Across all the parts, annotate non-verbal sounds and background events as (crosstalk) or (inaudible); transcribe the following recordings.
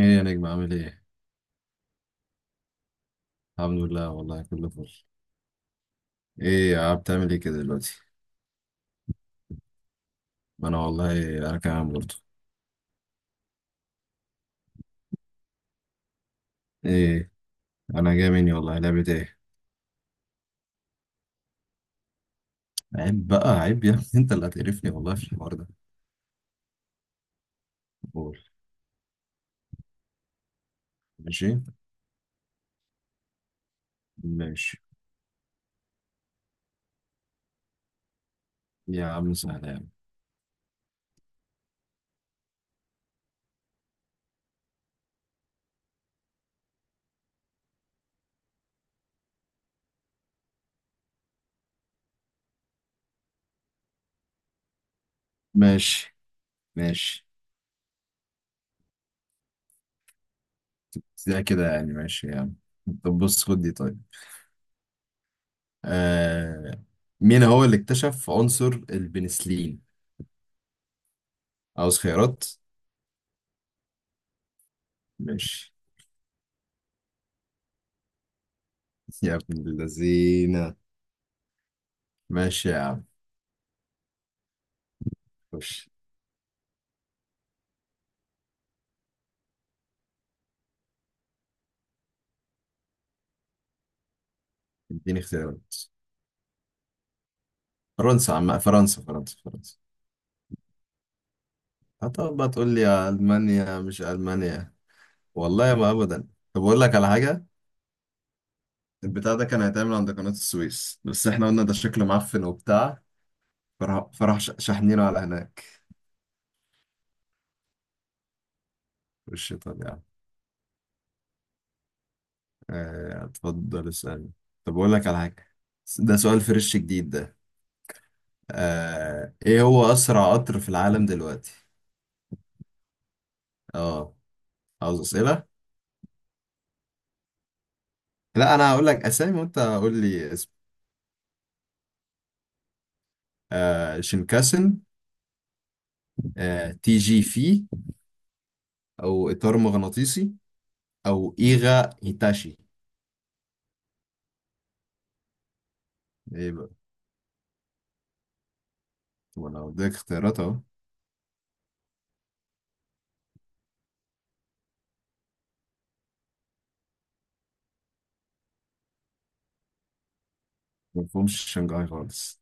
ايه يا نجم عامل ايه؟ الحمد لله والله كله فل. ايه يا عم بتعمل ايه كده دلوقتي؟ ما انا والله انا كمان برضه. ايه، انا جاي مني والله لعبة ايه؟ عيب بقى عيب يا ابني. (laughs) انت اللي هتقرفني والله في الحوار ده. قول. ماشي. ماشي يا عم، سهلة يا عم. ماشي. ماشي. ده كده يعني ماشي يا عم. طب بص خد دي طيب. آه، مين هو اللي اكتشف عنصر البنسلين؟ عاوز خيارات؟ ماشي. يا ابن اللذينة. ماشي يا عم. خش. اديني اختيارات. فرنسا عم، فرنسا، فرنسا، فرنسا. هتقعد بقى تقول لي يا ألمانيا مش ألمانيا. والله ما أبدا. طب أقول لك على حاجة. البتاع ده كان هيتعمل عند قناة السويس، بس احنا قلنا ده شكله معفن وبتاع. شاحنينه على هناك. وش طب يعني. آه، اتفضل اسألني. طب أقول لك على حاجة. ده سؤال فريش جديد ده. آه، ايه هو أسرع قطر في العالم دلوقتي؟ اه. عاوز أسئلة؟ لا، أنا هقول لك أسامي وأنت قول لي اسم. آه، شينكاسن. آه، تي جي في. او اطار مغناطيسي. او ايغا هيتاشي. ايه بقى. وانا اديك اختيارات اهو. ما فهمش شنغهاي خالص.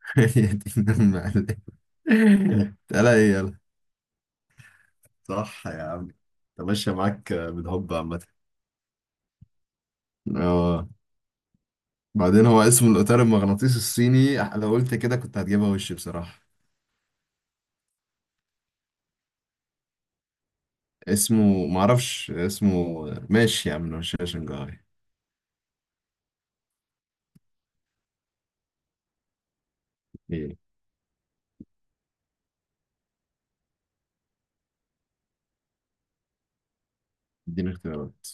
(laughs) يا دين المعلم. تعالى ايه يلا. صح يا عم. انت ماشية معاك بالهبة عامة. اه. بعدين هو اسمه الاطار المغناطيسي الصيني، لو قلت كده كنت هتجيبها وش بصراحة. اسمه معرفش اسمه. ماشي يا عم، مش شنغهاي. ايه. اديني اختيارات.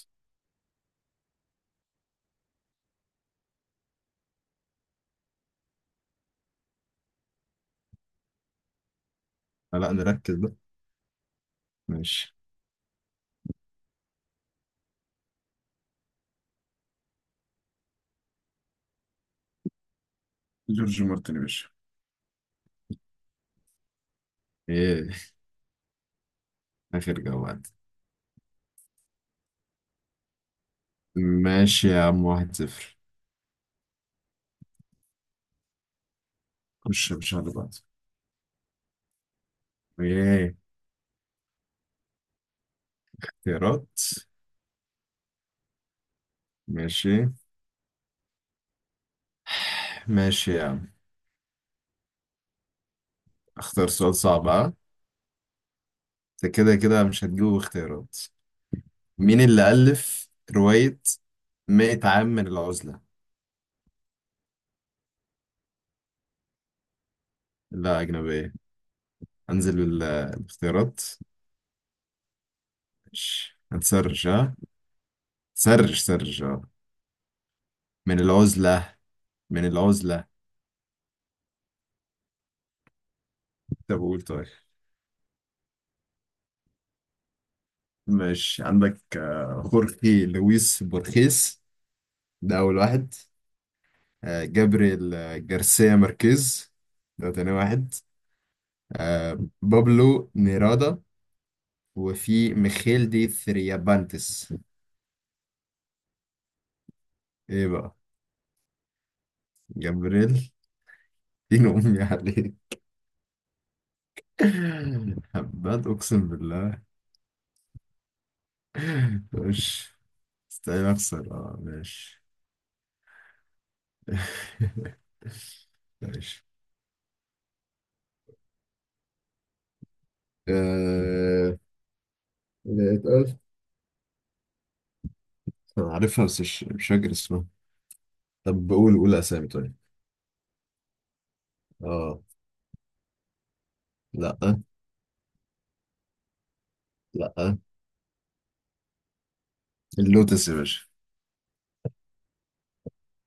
لا، نركز بقى. ماشي. جورج مارتن يا باشا. ايه. اخر جواد. ماشي يا عم، واحد صفر. خش يا باشا اللي بعده. ايه. اختيارات. ماشي. ماشي يا عم. اختار سؤال صعب اه. انت كده كده مش هتجيبه اختيارات. مين اللي ألف رواية 100 عام من العزلة؟ لا، أجنبية. أنزل الاختيارات. ماشي هتسرش ها. سرش سرش اه. من العزلة. من العزلة. طب قول طيب. ماشي، عندك آه، خورخي لويس بورخيس، ده أول واحد. آه، جابريل آه، جارسيا ماركيز، ده تاني واحد. آه، بابلو نيرادا. وفي ميخيل دي ثريابانتس. ايه بقى. جابريل. دين امي عليه. (laughs) هبات اقسم بالله. مش استحيل اخسر اه، ماشي. (laughs) ماشي. آه، اللي اتقال، انا عارفها بس مش فاكر اسمها. طب بقول قول اسامي طيب. اه. لا. لا. اللوتس يا باشا.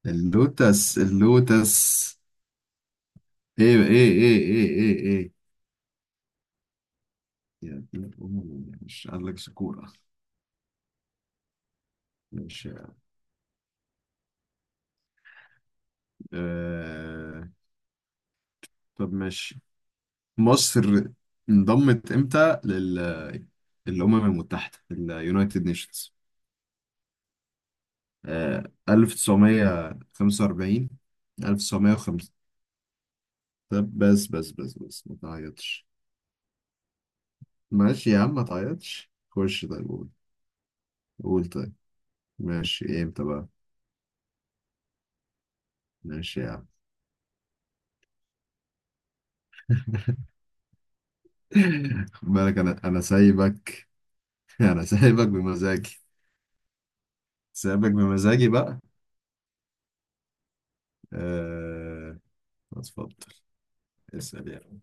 اللوتس. اللوتس. ايه، ايه، ايه، ايه، ايه، ايه. يا دين أمي، مش قال لك سكورة. ماشي. آه... طب ماشي. مصر انضمت امتى لل الأمم المتحدة، اليونايتد نيشنز؟ آه... 1945. 1905. طب بس بس بس بس، ما تعيطش. ماشي يا عم، ما تعيطش. خش طيب قول. قول طيب. ماشي، امتى بقى. ماشي يا عم. خد بالك انا سايبك. (laughs) انا سايبك بمزاجي. سايبك بمزاجي بقى. أه... اتفضل. اسأل يعني.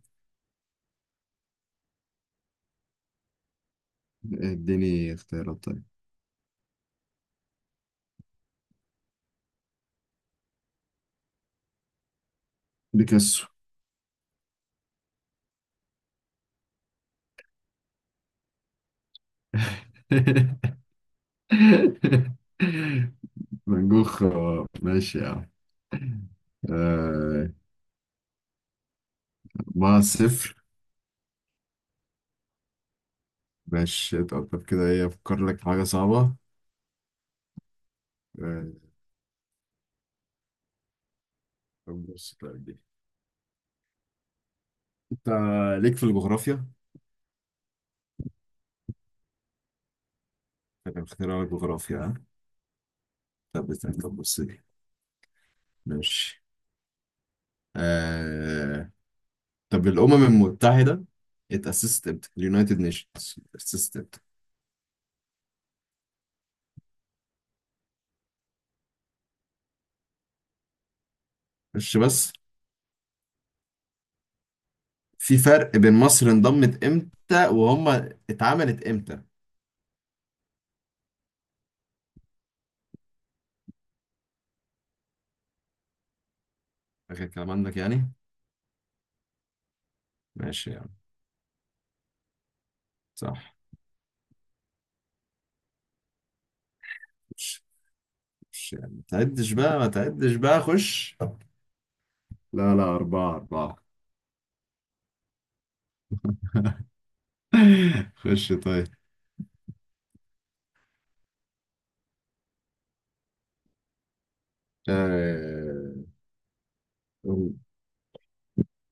اديني اختيارات طيب. بيكاسو. (laughs) فان جوخ آه، ماشي يعني. آه، أربعة صفر. ماشي. طب طب كده، ايه أفكر لك في حاجة صعبة. آه، طب بص طيب دي. أنت ليك في الجغرافيا؟ أنا مختار لك جغرافيا ها؟ طب استنى، طب بص دي. ماشي. آه... طب الأمم المتحدة اتأسست امتى؟ اليونايتد نيشنز اتأسست امتى؟ مش بس في فرق بين مصر انضمت امتى وهم اتعملت امتى؟ آخر كلام عندك يعني؟ ماشي يعني. صح. مش مش يعني ما تعدش بقى، ما تعدش بقى، خش. لا لا، أربعة أربعة. (laughs) خش طيب. آه...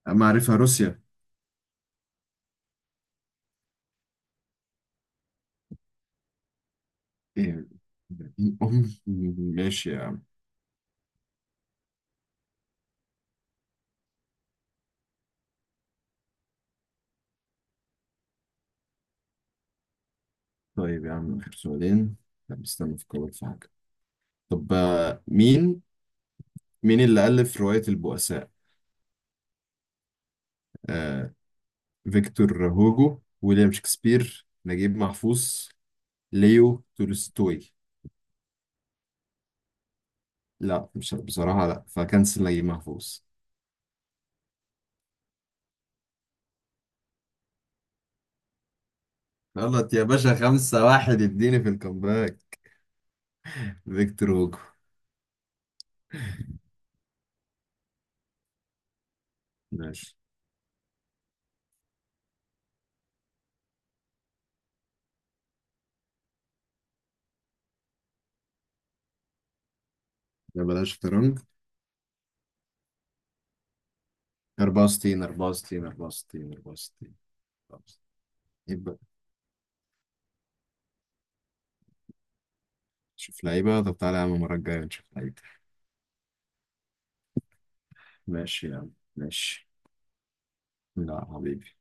معرفة روسيا. ايه. أم. ماشي يا عم. طيب يا عم، آخر سؤالين. طب استنى أفكر في حاجة. طب آه، مين مين اللي ألف رواية البؤساء؟ آه، فيكتور هوجو، ويليام شكسبير، نجيب محفوظ، ليو تولستوي. لا مش بصراحة، لا فكنسل نجيب محفوظ. غلط يا باشا، خمسة واحد، اديني في الكامباك. فيكتور هوجو. ماشي. ده بلاش شطرنج. 64، 64، 64، 64. يبقى. شوف لعيبة. طب تعالى يا عم، المرة الجاية نشوف لعيبة. ماشي يا عم، ماشي. لا حبيبي.